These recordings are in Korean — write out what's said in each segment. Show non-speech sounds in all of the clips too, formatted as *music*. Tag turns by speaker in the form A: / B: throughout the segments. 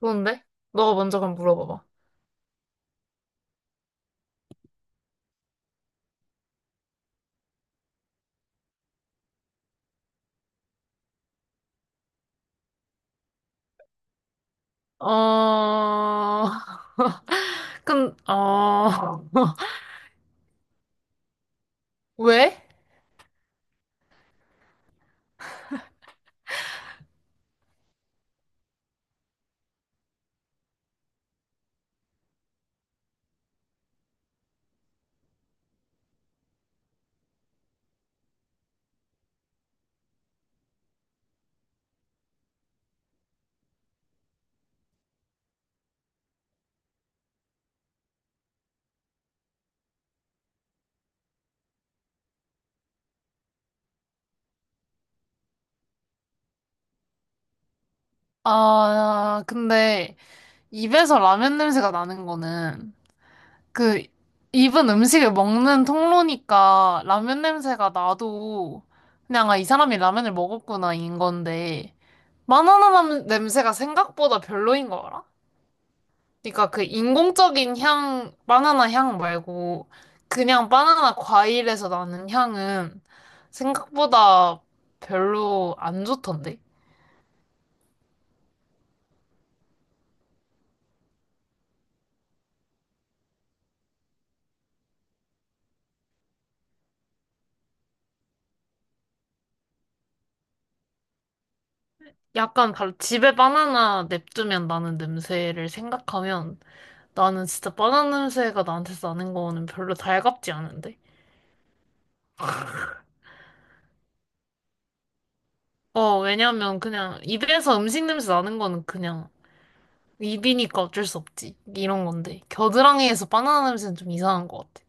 A: 좋은데? 너가 먼저 그럼 물어봐봐. 어, *laughs* 근, 어, *laughs* 왜? 아, 근데 입에서 라면 냄새가 나는 거는 그 입은 음식을 먹는 통로니까 라면 냄새가 나도 그냥 아, 이 사람이 라면을 먹었구나 인 건데 마나나 냄새가 생각보다 별로인 거 알아? 그러니까 그 인공적인 향, 바나나 향 말고 그냥 바나나 과일에서 나는 향은 생각보다 별로 안 좋던데? 약간 집에 바나나 냅두면 나는 냄새를 생각하면 나는 진짜 바나나 냄새가 나한테 나는 거는 별로 달갑지 않은데? 어, 왜냐면 그냥 입에서 음식 냄새 나는 거는 그냥 입이니까 어쩔 수 없지. 이런 건데. 겨드랑이에서 바나나 냄새는 좀 이상한 것 같아.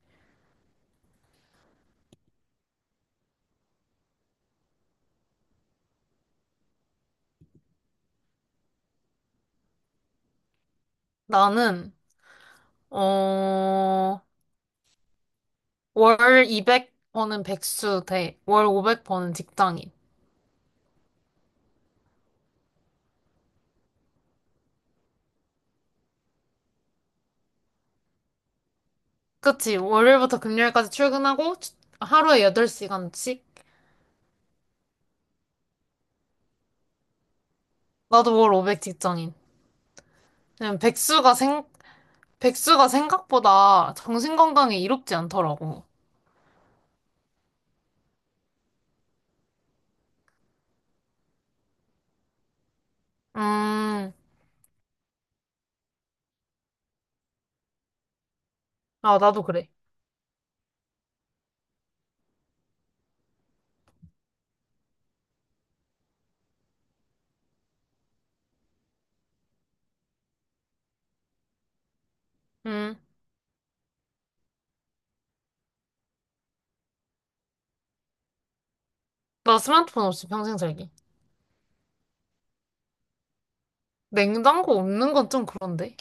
A: 나는 어, 월 200번은 백수 대, 월 500번은 직장인. 그치? 월요일부터 금요일까지 출근하고 주- 하루에 8시간씩? 나도 월 500 직장인. 그냥 백수가 생, 백수가 생각보다 정신건강에 이롭지 않더라고. 음. 아, 나도 그래. 음, 나 스마트폰 없이 평생 살기. 냉장고 없는 건 좀 그런데?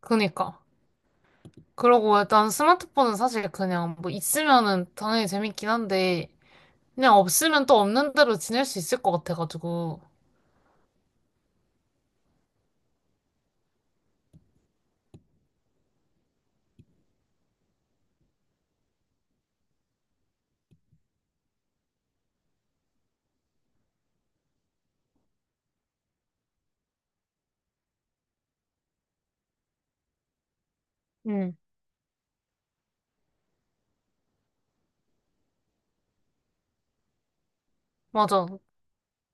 A: 그니까. 그러고 일단 스마트폰은 사실 그냥 뭐 있으면은 당연히 재밌긴 한데, 그냥 없으면 또 없는 대로 지낼 수 있을 것 같아가지고. 응, 맞아.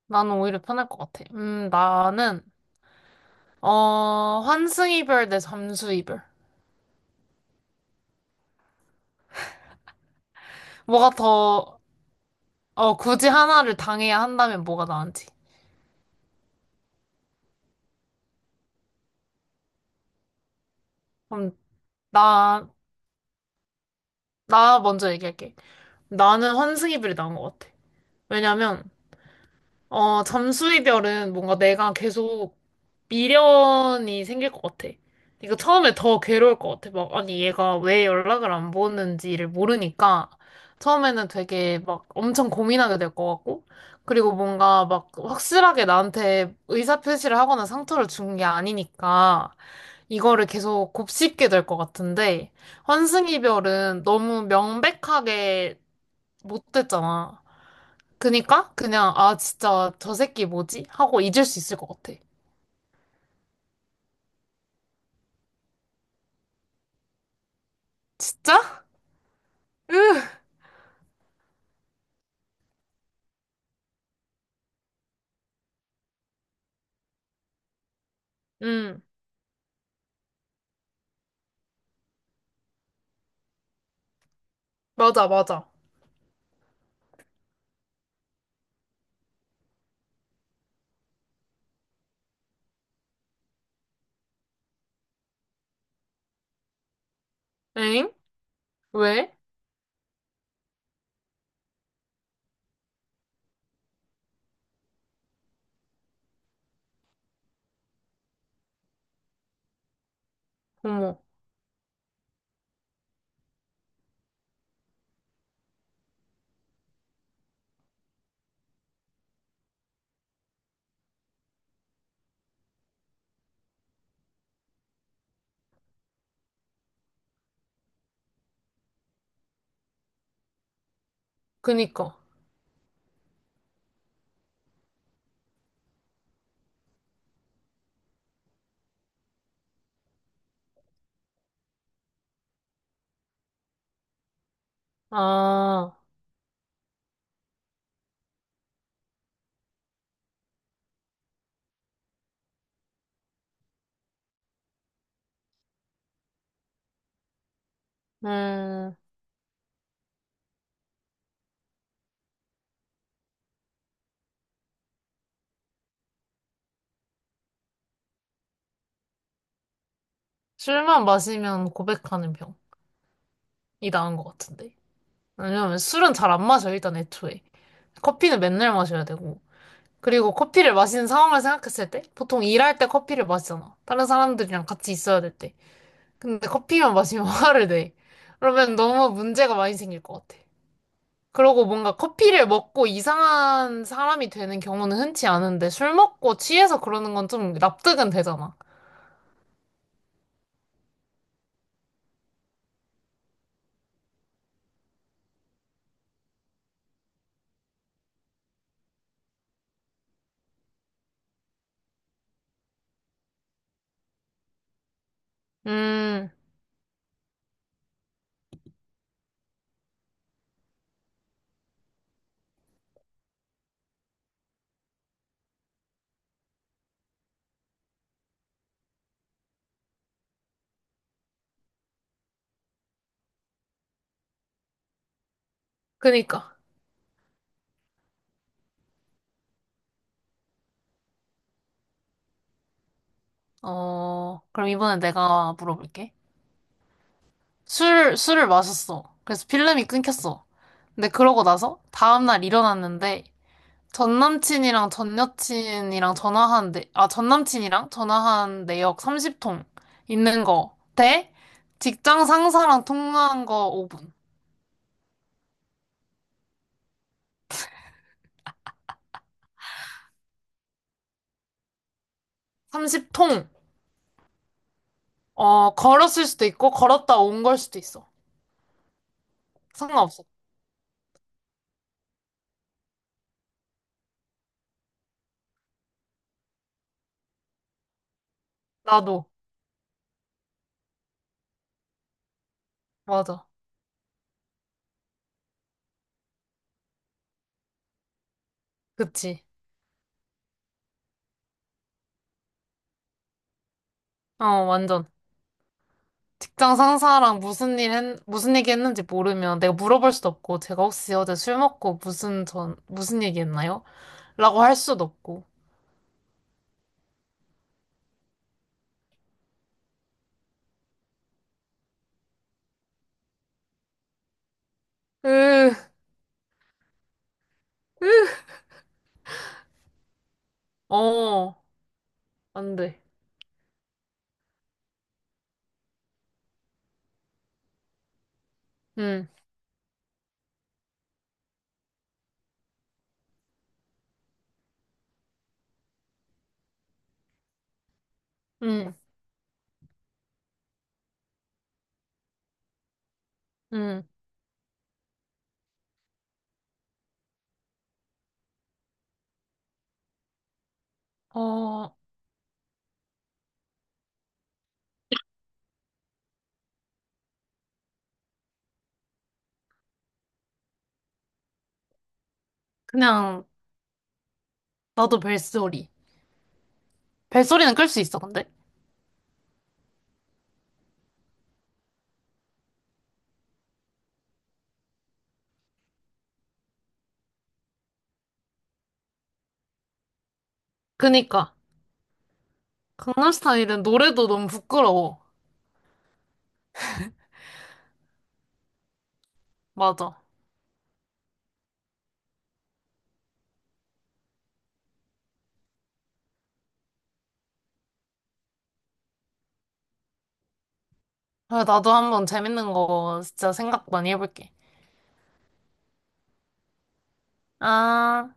A: 나는 오히려 편할 것 같아. 나는, 환승이별 대 잠수이별. 뭐가 더, 굳이 하나를 당해야 한다면 뭐가 나은지. 그럼, 나, 나 먼저 얘기할게. 나는 환승이별이 나은 것 같아. 왜냐면, 잠수 이별은 뭔가 내가 계속 미련이 생길 것 같아. 그러니까 처음에 더 괴로울 것 같아. 막, 아니, 얘가 왜 연락을 안 보는지를 모르니까 처음에는 되게 막 엄청 고민하게 될 것 같고, 그리고 뭔가 막 확실하게 나한테 의사표시를 하거나 상처를 준 게 아니니까 이거를 계속 곱씹게 될 것 같은데, 환승 이별은 너무 명백하게 못 됐잖아. 그니까 그냥 아 진짜 저 새끼 뭐지? 하고 잊을 수 있을 것 같아. 진짜? 으, 응, 맞아, 맞아. 엥? 왜? 어머, 그니까. 아, 음, 술만 마시면 고백하는 병이 나은 것 같은데. 왜냐면 술은 잘 안 마셔, 일단 애초에. 커피는 맨날 마셔야 되고. 그리고 커피를 마시는 상황을 생각했을 때, 보통 일할 때 커피를 마시잖아. 다른 사람들이랑 같이 있어야 될 때. 근데 커피만 마시면 *laughs* 화를 내. 그러면 너무 문제가 많이 생길 것 같아. 그러고 뭔가 커피를 먹고 이상한 사람이 되는 경우는 흔치 않은데 술 먹고 취해서 그러는 건 좀 납득은 되잖아. 음, 그니까. 어, 그럼 이번에 내가 물어볼게. 술을 마셨어. 그래서 필름이 끊겼어. 근데 그러고 나서 다음날 일어났는데 전 남친이랑 전 여친이랑 전화한 내, 아, 전 남친이랑 전화한 내역 30통 있는 거 대 직장 상사랑 통화한 거 5분. 30통! 어, 걸었을 수도 있고, 걸었다 온 걸 수도 있어. 상관없어. 나도. 맞아. 그치. 어, 완전. 직장 상사랑 무슨 얘기 했는지 모르면 내가 물어볼 수도 없고, 제가 혹시 어제 술 먹고 무슨 얘기 했나요? 라고 할 수도 없고. 으, 으, 어, 안 돼. 응, 응, 응. 어, 그냥, 나도 벨소리. 벨소리는 끌 수 있어, 근데. 그니까. 강남 스타일은 노래도 너무 부끄러워. 맞아. 그래, 나도 한번 재밌는 거 진짜 생각 많이 해볼게. 아.